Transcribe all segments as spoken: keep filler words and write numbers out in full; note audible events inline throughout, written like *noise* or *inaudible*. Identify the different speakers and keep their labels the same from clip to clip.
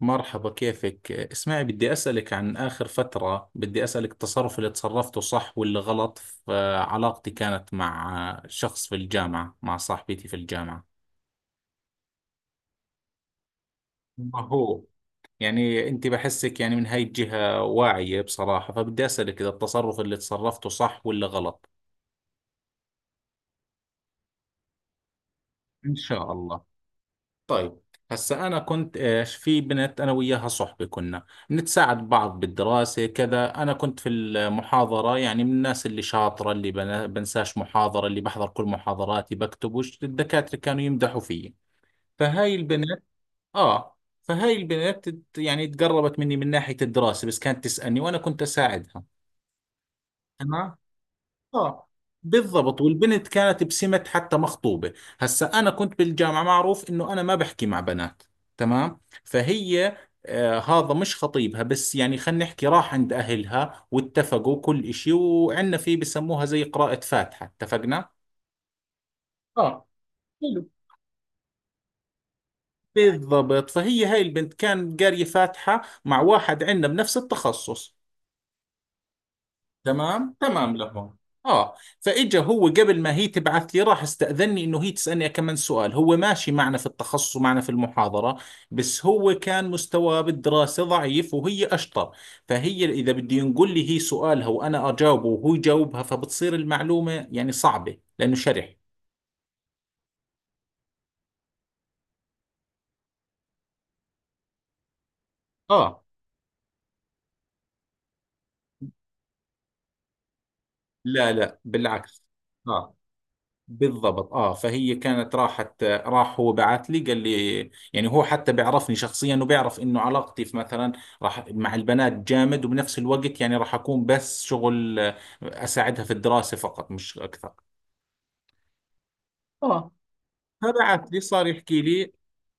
Speaker 1: مرحبا، كيفك؟ اسمعي، بدي أسألك عن آخر فترة، بدي أسألك التصرف اللي تصرفته صح واللي غلط. في علاقتي كانت مع شخص في الجامعة، مع صاحبتي في الجامعة. ما هو يعني أنت بحسك يعني من هاي الجهة واعية بصراحة، فبدي أسألك إذا التصرف اللي تصرفته صح ولا غلط. إن شاء الله. طيب، هسا أنا كنت إيش في بنت، أنا وياها صحبة، كنا نتساعد بعض بالدراسة كذا. أنا كنت في المحاضرة يعني من الناس اللي شاطرة، اللي بنا- بنساش محاضرة، اللي بحضر كل محاضراتي، بكتب وش الدكاترة، كانوا يمدحوا فيي. فهاي البنت. آه. فهاي البنت تت- يعني تقربت مني من ناحية الدراسة، بس كانت تسألني وأنا كنت أساعدها. تمام. اه، بالضبط. والبنت كانت بسمة حتى مخطوبة. هسا أنا كنت بالجامعة معروف إنه أنا ما بحكي مع بنات. تمام، فهي آه هذا مش خطيبها، بس يعني خلينا نحكي، راح عند أهلها واتفقوا كل إشي، وعندنا في بسموها زي قراءة فاتحة، اتفقنا؟ اه، حلو، بالضبط. فهي هاي البنت كان قارية فاتحة مع واحد عندنا بنفس التخصص. تمام تمام لهم. اه، فاجا هو قبل ما هي تبعث لي راح استأذني انه هي تسألني كمان سؤال. هو ماشي معنا في التخصص ومعنا في المحاضرة، بس هو كان مستواه بالدراسة ضعيف وهي اشطر. فهي اذا بده ينقل لي هي سؤالها وانا اجاوبه وهو يجاوبها، فبتصير المعلومة يعني صعبة لانه شرح. اه، لا لا بالعكس. اه، بالضبط. اه، فهي كانت راحت راح هو بعث لي، قال لي يعني هو حتى بيعرفني شخصيا، وبيعرف انه علاقتي في مثلا راح مع البنات جامد، وبنفس الوقت يعني راح اكون بس شغل، آه، اساعدها في الدراسة فقط، مش اكثر. اه، فبعث لي صار يحكي لي.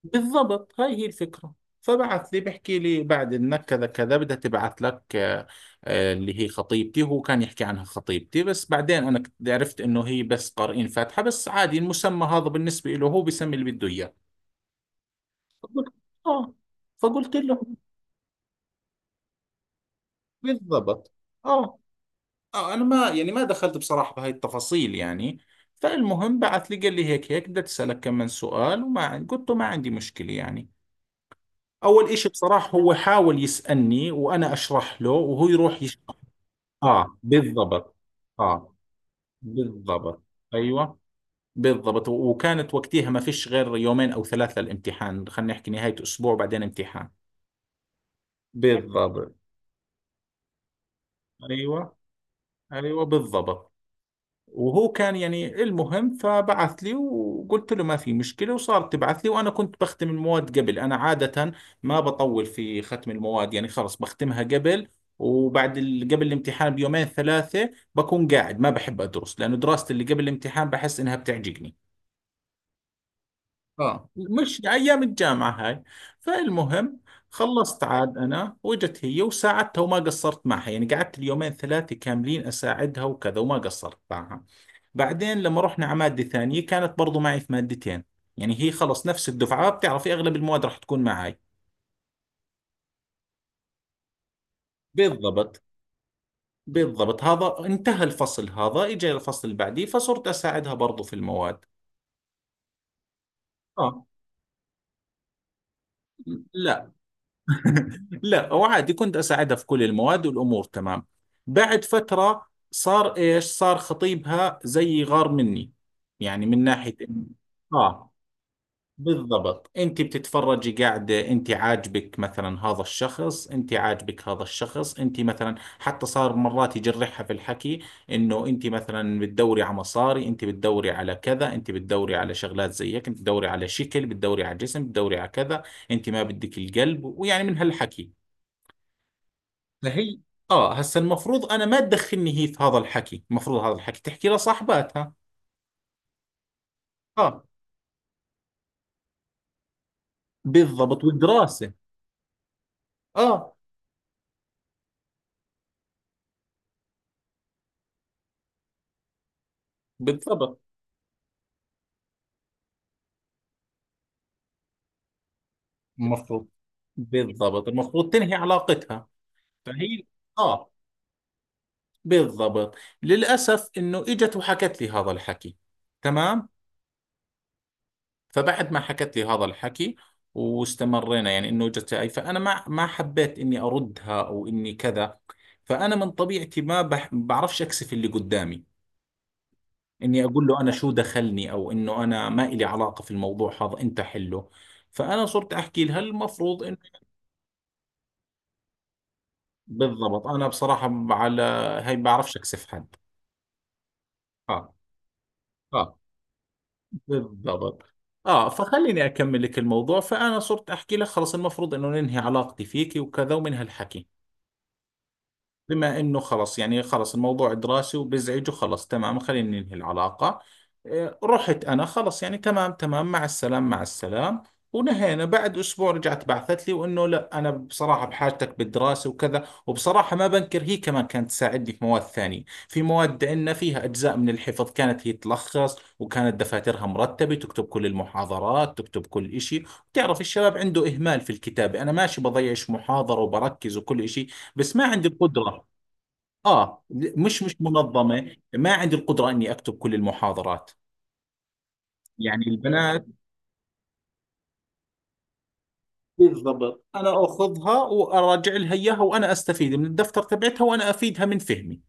Speaker 1: بالضبط، هاي هي الفكرة. فبعث لي بحكي لي بعد انك كذا كذا بدها تبعث لك، آه، آه، اللي هي خطيبتي. هو كان يحكي عنها خطيبتي، بس بعدين انا كنت عرفت انه هي بس قارئين فاتحة، بس عادي المسمى هذا بالنسبة له، هو بيسمي اللي بده اياه. فقلت اه فقلت له. بالضبط. اه، اه انا ما يعني ما دخلت بصراحة بهاي التفاصيل يعني. فالمهم بعث لي قال لي هيك هيك بدي اسالك كم من سؤال، وما عن- قلت له ما عندي مشكلة يعني. اول اشي بصراحة هو حاول يسألني وانا اشرح له وهو يروح يشرح. اه، بالضبط. اه، بالضبط، ايوه، بالضبط. و- وكانت وقتها ما فيش غير يومين او ثلاثة الامتحان، خلينا نحكي نهاية اسبوع بعدين امتحان. بالضبط، ايوه، ايوه، بالضبط. وهو كان يعني المهم فبعث لي، وقلت له ما في مشكلة، وصارت تبعث لي، وأنا كنت بختم المواد قبل. أنا عادة ما بطول في ختم المواد، يعني خلص بختمها قبل. وبعد ال... قبل الامتحان بيومين ثلاثة بكون قاعد ما بحب أدرس، لأنه دراستي اللي قبل الامتحان بحس إنها بتعجقني. اه، مش أيام الجامعة هاي. فالمهم خلصت عاد أنا، وجت هي وساعدتها وما قصرت معها، يعني قعدت اليومين ثلاثة كاملين أساعدها وكذا وما قصرت معها. بعدين لما رحنا على مادة ثانية كانت برضو معي في مادتين، يعني هي خلص نفس الدفعة، بتعرفي أغلب المواد راح تكون معي. بالضبط، بالضبط. هذا انتهى الفصل، هذا إجا الفصل اللي بعديه فصرت أساعدها برضو في المواد. آه، لا، *laughs* لا، وعادي كنت أساعدها في كل المواد، والأمور تمام. بعد فترة صار إيش، صار خطيبها زي غار مني، يعني من ناحية إنه- آه، بالضبط. انت بتتفرجي قاعده، انت عاجبك مثلا هذا الشخص، انت عاجبك هذا الشخص، انت مثلا حتى صار مرات يجرحها في الحكي، انه انت مثلا بتدوري على مصاري، انت بتدوري على كذا، انت بتدوري على شغلات زي هيك، انت بتدوري على شكل، بتدوري على جسم، بتدوري على كذا، انت ما بدك القلب، ويعني من هالحكي. فهي اه، هسا المفروض انا ما تدخلني هي في هذا الحكي، المفروض هذا الحكي تحكي لصاحباتها. اه، بالضبط، والدراسه. اه، بالضبط المفروض، بالضبط المفروض تنهي علاقتها. فهي اه، بالضبط. للأسف انه اجت وحكت لي هذا الحكي. تمام. فبعد ما حكت لي هذا الحكي، واستمرينا يعني انه اجت هاي، فانا ما ما حبيت اني اردها او اني كذا. فانا من طبيعتي ما بح- بعرفش اكسف اللي قدامي، اني اقول له انا شو دخلني، او انه انا ما إلي علاقة في الموضوع هذا انت حله. فانا صرت احكي لها المفروض. بالضبط، انا بصراحه على هي ما بعرفش اكسف حد. اه اه بالضبط. اه، فخليني اكمل لك الموضوع. فانا صرت احكي لك خلص المفروض انه ننهي علاقتي فيكي وكذا ومن هالحكي. بما انه خلص يعني خلص الموضوع دراسي وبزعج وخلص، تمام خلينا ننهي العلاقة. إيه، رحت انا، خلص يعني تمام تمام مع السلام مع السلام، ونهينا. بعد اسبوع رجعت بعثت لي، وانه لا انا بصراحة بحاجتك بالدراسة وكذا. وبصراحة ما بنكر هي كمان كانت تساعدني في مواد ثانية، في مواد عندنا فيها اجزاء من الحفظ، كانت هي تلخص، وكانت دفاترها مرتبة، تكتب كل المحاضرات، تكتب كل إشي. بتعرف الشباب عنده اهمال في الكتابة. انا ماشي بضيعش محاضرة وبركز وكل إشي، بس ما عندي القدرة. اه، مش مش منظمه، ما عندي القدره اني اكتب كل المحاضرات. يعني البنات. بالضبط، انا اخذها واراجع لها اياها، وانا استفيد من الدفتر تبعتها وانا افيدها من فهمي.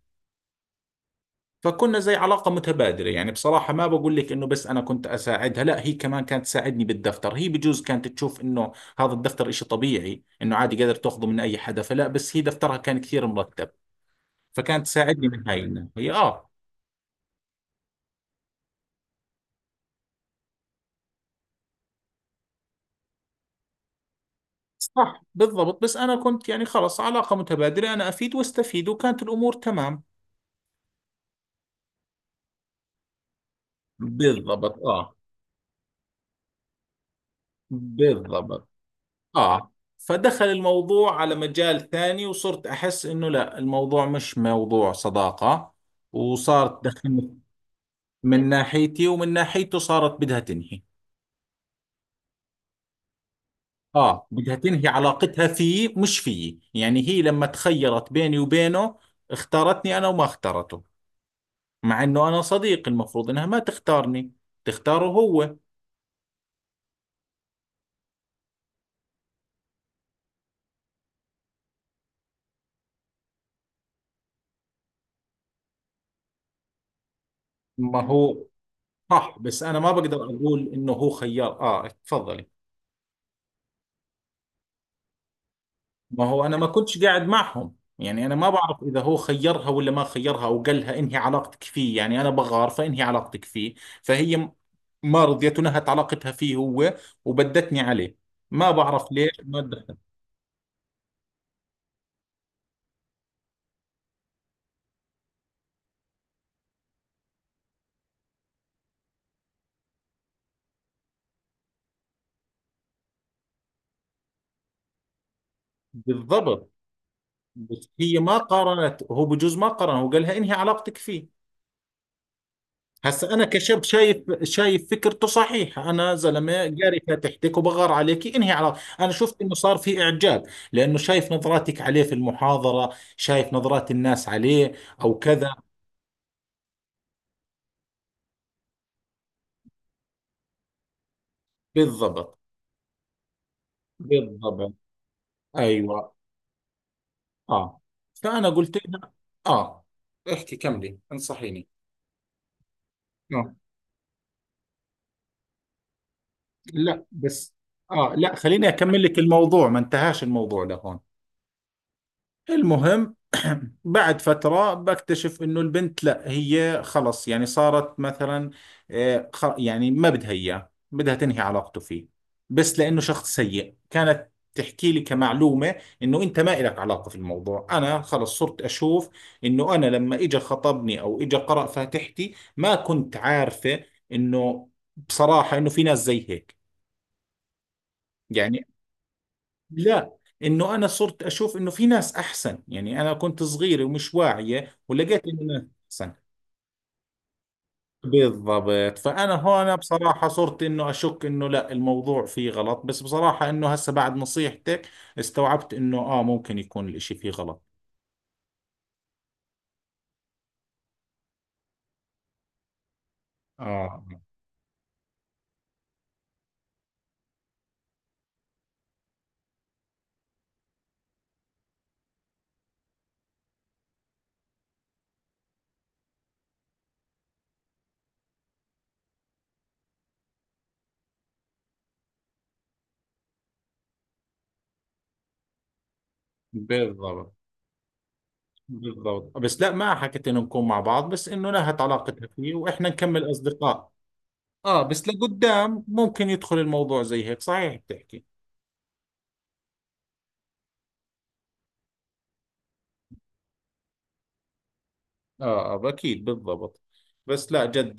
Speaker 1: فكنا زي علاقه متبادله يعني، بصراحه ما بقول لك انه بس انا كنت اساعدها، لا هي كمان كانت تساعدني بالدفتر. هي بجوز كانت تشوف انه هذا الدفتر إشي طبيعي انه عادي قادر تاخذه من اي حدا فلا، بس هي دفترها كان كثير مرتب، فكانت تساعدني من هاي الناحيه. اه، صح، بالضبط. بس أنا كنت يعني خلص علاقة متبادلة، أنا أفيد واستفيد، وكانت الأمور تمام. بالضبط، اه، بالضبط. آه، فدخل الموضوع على مجال ثاني، وصرت أحس إنه لا الموضوع مش موضوع صداقة، وصارت تدخلني من ناحيتي ومن ناحيته، صارت بدها تنهي. آه، بدها تنهي علاقتها فيه مش فيي، يعني هي لما تخيرت بيني وبينه اختارتني أنا وما اختارته. مع انه انا صديق، المفروض انها ما تختارني، تختاره هو. ما هو صح، بس انا ما بقدر اقول انه هو خيار. اه، تفضلي. ما هو انا ما كنتش قاعد معهم، يعني انا ما بعرف اذا هو خيرها ولا ما خيرها، او قال لها انهي علاقتك فيه يعني انا بغار فانهي علاقتك فيه. فهي م- ما رضيت ونهت علاقتها فيه هو، وبدتني عليه. ما بعرف ليش ما دخل. بالضبط. بس هي ما قارنت، هو بجوز ما قارن، هو قال لها انهي علاقتك فيه. هسا انا كشاب شايف، شايف فكرته صحيحه. انا زلمه قاري فاتحتك وبغار عليك، انهي على انا شفت انه صار في اعجاب، لانه شايف نظراتك عليه في المحاضره، شايف نظرات الناس عليه او كذا. بالضبط، بالضبط، ايوه. اه، فانا قلت لها اه احكي كملي انصحيني. آه. لا بس، اه لا خليني اكمل لك الموضوع، ما انتهاش الموضوع لهون. المهم *clears throat* بعد فترة بكتشف انه البنت لا هي خلص يعني صارت مثلا، آه، خ- يعني ما بدها اياه، بدها تنهي علاقته فيه بس لانه شخص سيء. كانت تحكي لي كمعلومة انه انت ما إلك علاقة في الموضوع، انا خلص صرت اشوف انه انا لما اجى خطبني او اجى قرأ فاتحتي ما كنت عارفة انه بصراحة انه في ناس زي هيك يعني. لا، انه انا صرت اشوف انه في ناس احسن، يعني انا كنت صغيرة ومش واعية، ولقيت انه ناس احسن. بالضبط. فانا هون بصراحة صرت انه اشك انه لا الموضوع فيه غلط، بس بصراحة انه هسه بعد نصيحتك استوعبت انه اه ممكن يكون الاشي فيه غلط. اه، بالضبط، بالضبط. بس لا ما حكيت انه نكون مع بعض، بس انه نهت علاقتها فيه واحنا نكمل اصدقاء. اه، بس لقدام ممكن يدخل الموضوع زي هيك، صحيح بتحكي. اه، آه، اكيد، بالضبط. بس لا جد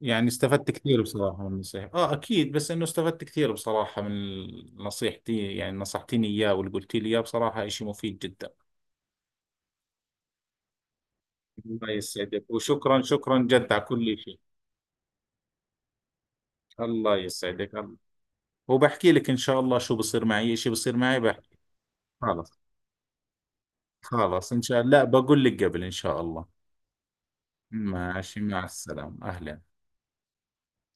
Speaker 1: يعني استفدت كثير بصراحة من النصيحة، اه اكيد. بس انه استفدت كثير بصراحة من نصيحتي يعني، نصحتيني اياه واللي قلتي لي اياه بصراحة اشي مفيد جدا. الله يسعدك، وشكرا شكرا جد على كل شيء. الله يسعدك، الله. وبحكي لك ان شاء الله شو بصير معي، اشي بصير معي بحكي. خلاص خلاص ان شاء الله، لا بقول لك قبل ان شاء الله. ماشي، مع السلامة، اهلا.